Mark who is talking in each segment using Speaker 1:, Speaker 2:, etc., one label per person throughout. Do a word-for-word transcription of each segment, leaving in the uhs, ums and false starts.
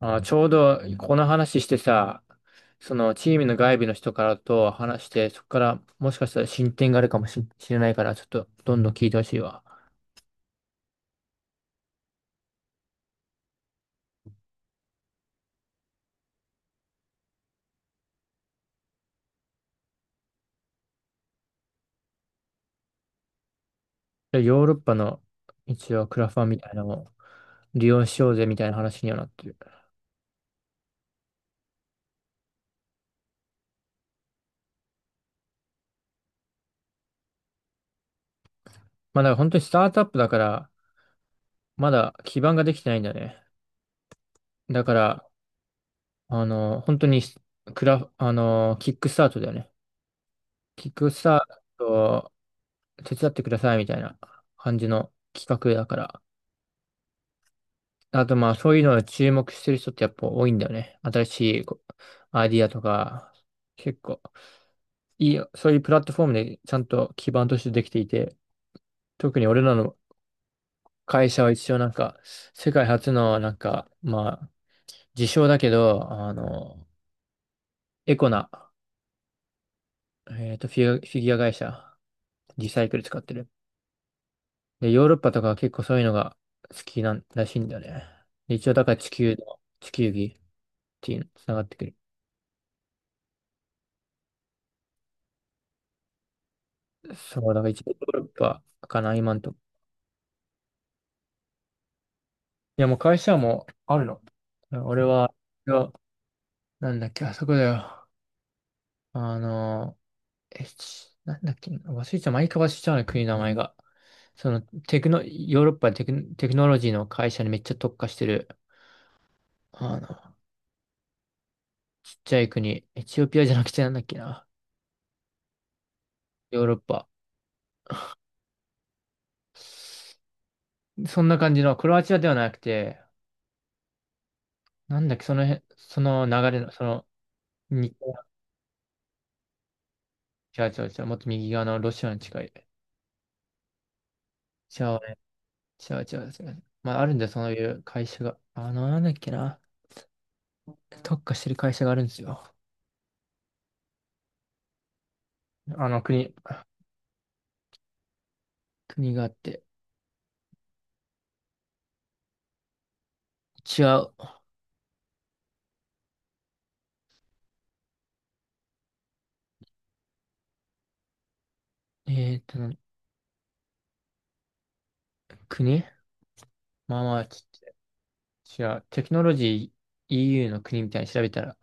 Speaker 1: あ、ちょうどこの話してさ、そのチームの外部の人からと話して、そこからもしかしたら進展があるかもししれないから、ちょっとどんどん聞いてほしいわ。でヨーロッパの一応クラファンみたいなのを利用しようぜみたいな話にはなってる。まあだから本当にスタートアップだから、まだ基盤ができてないんだよね。だから、あの、本当にクラ、あの、キックスタートだよね。キックスタートを手伝ってくださいみたいな感じの企画だから。あとまあそういうのを注目してる人ってやっぱ多いんだよね。新しいこうアイディアとか、結構いいよ、そういうプラットフォームでちゃんと基盤としてできていて、特に俺らの会社は一応なんか、世界初のなんか、まあ、自称だけど、あの、エコな、えっと、フィギュア、フィギュア会社、リサイクル使ってる。で、ヨーロッパとかは結構そういうのが好きなんらしいんだよね。で一応だから地球の、地球儀っていうのつながってくる。そう、だからいちヨーロッパかな、今んとこ。いや、もう会社もあるの。俺は、いやなんだっけ、あそこだよ。あの、え、ちなんだっけ、忘れちゃう、毎回忘れちゃうね国の名前が。その、テクノ、ヨーロッパテク、テクノロジーの会社にめっちゃ特化してる、あの、ちっちゃい国、エチオピアじゃなくてなんだっけな、ヨーロッパ。そんな感じの、クロアチアではなくて、なんだっけ、その辺、その流れの、その、に違う違う違う、もっと右側のロシアに近い。じゃあ違う違う違う。まあ、あるんだよ、そういう会社が。あの、なんだっけな。特化してる会社があるんですよ。あの、国、国があって。違う。えーっと、な国まあまあ、ち違う。テクノロジー イーユー の国みたいに調べたら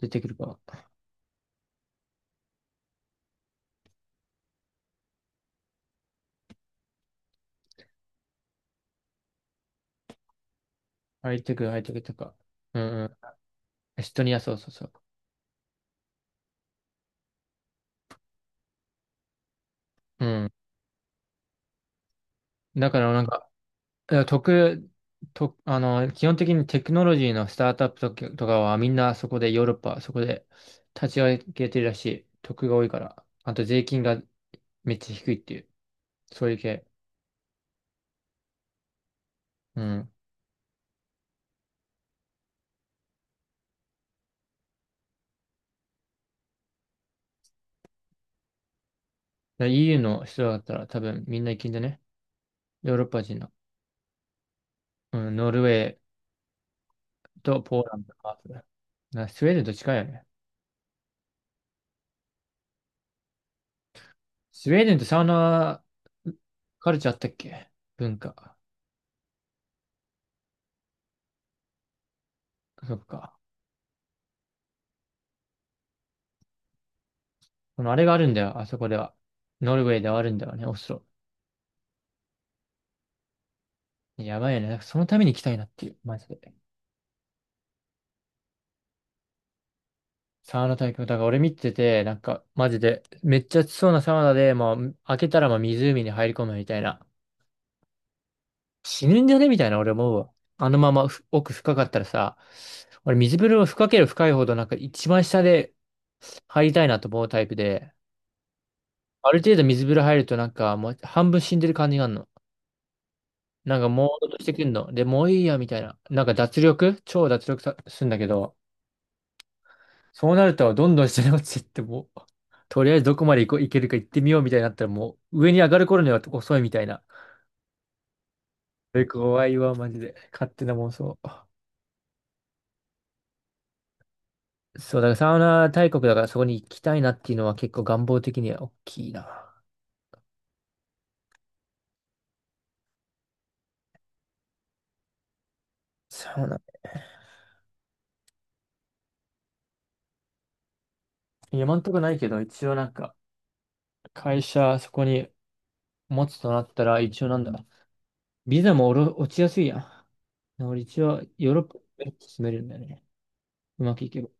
Speaker 1: 出てくるか。ハイテク、ハイテクとか。うんうん。エストニア、そうそうそう。うん。だから、なんか、い特、と、あの、基本的にテクノロジーのスタートアップとか、とかはみんなそこでヨーロッパ、そこで立ち上げてるらしい。得が多いから。あと税金がめっちゃ低いっていう。そういう系。うん。だから イーユー の人だったら多分みんな行けんだね。ヨーロッパ人の。うん、ノルウェーとポーランドハーフな、スウェーデンと近いよね。スウェーデンってサウナカルチャーあったっけ文化。そっか。このあれがあるんだよ、あそこでは。ノルウェーではあるんだよね、オスロ。やばいよね。なんかそのために行きたいなっていう、マジで。サウナ体験、だから俺見てて、なんか、マジで、めっちゃ暑そうなサウナで、もう、開けたらもう湖に入り込むみたいな。死ぬんじゃねみたいな、俺思うわ。あのままふ奥深かったらさ、俺水風呂深ければ深いほど、なんか一番下で入りたいなと思うタイプで、ある程度水風呂入るとなんかもう半分死んでる感じがあるの。なんか朦朧としてくんの。で、もういいや、みたいな。なんか脱力超脱力さすんだけど、そうなると、どんどん下に落ちていってもう、とりあえずどこまで行こう、行けるか行ってみようみたいになったら、もう上に上がる頃には遅いみたいな。それ怖いわ、マジで。勝手な妄想。そう、だからサウナ大国だからそこに行きたいなっていうのは結構願望的には大きいな。サウナ。今んとこないけど、一応なんか、会社そこに持つとなったら、一応なんだ。ビザもおろ落ちやすいやん。俺一応ヨーロッパに住めるんだよね。うまくいけば。っ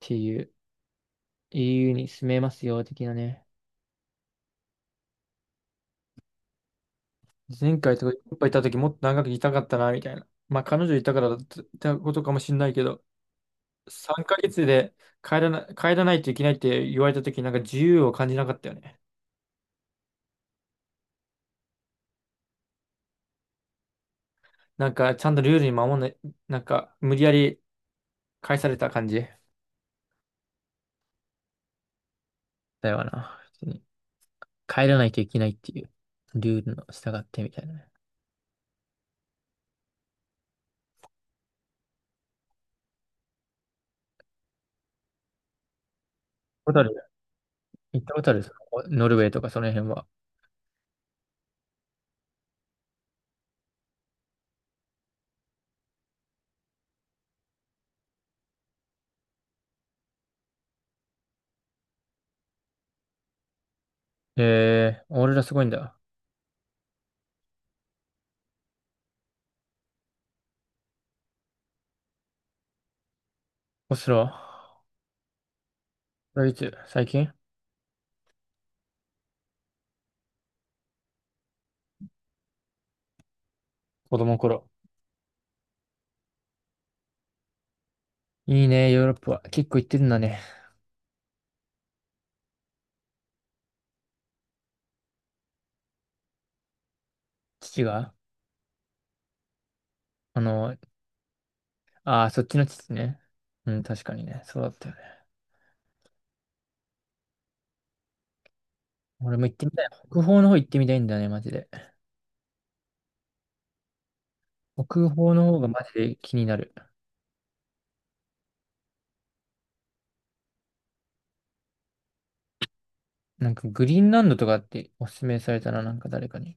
Speaker 1: ていう、イーユー に住めますよ、的なね。前回とかいっぱいい行った時もっと長くいたかったな、みたいな。まあ彼女いたからだったことかもしれないけど、さんかげつで帰らな、帰らないといけないって言われた時なんか自由を感じなかったよね。なんかちゃんとルールに守んない、なんか無理やり返された感じだよな。普通に帰らないといけないっていうルールの従ってみたいなね。ホタル、行ったことあるそのノルウェーとかその辺は。えー、俺らすごいんだ。オスロ。これいつ最近子供の頃。いいね、ヨーロッパは。結構行ってるんだね。父が、あの、ああ、そっちの父ね。うん、確かにね。そうだったよね。俺も行ってみたい。北方の方行ってみたいんだよね、マジで。北方の方がマジで気になる。なんかグリーンランドとかっておすすめされたな、なんか誰かに。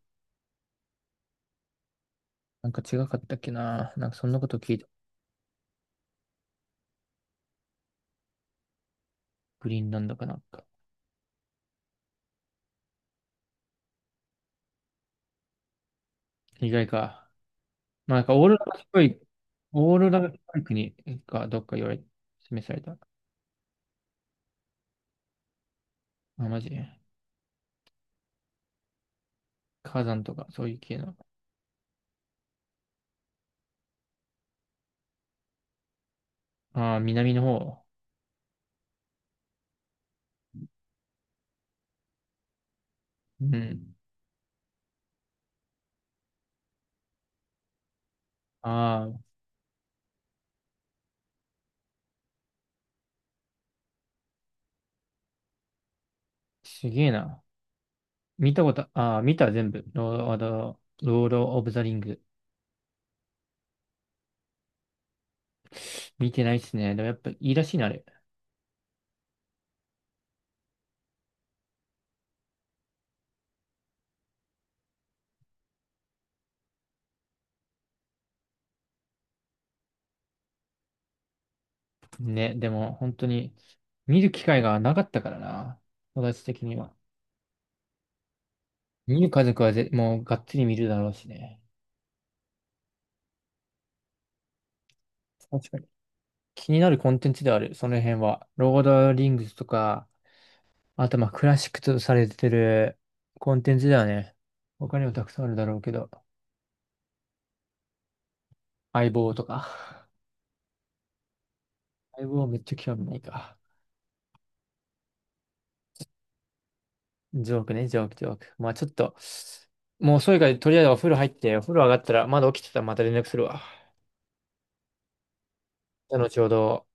Speaker 1: なんか違かったっけな。なんかそんなこと聞いた。グリーンランドかなんか。意外か。まあなんかオーロラっぽい、オーロラっぽい国かどっか言われ、示された。あ、マジ火山とかそういう系の。ああ、南の方。うん。ああ、すげえな。見たこと、あー見た全部。ロード、あのロード・オブ・ザ・リング。見てないっすね。でもやっぱいいらしいな、あれ。ね、でも本当に見る機会がなかったからな。私的には。見る家族はぜ、もうがっつり見るだろうしね。確かに。気になるコンテンツである、その辺は。ロード・リングスとか、あとまあクラシックとされてるコンテンツだよね。他にもたくさんあるだろうけど。相棒とか。相棒めっちゃ興味ないか。ジョークね、ジョーク、ジョーク。まあちょっと、もう遅いからとりあえずお風呂入って、お風呂上がったら、まだ起きてたらまた連絡するわ。じゃあ後ほど。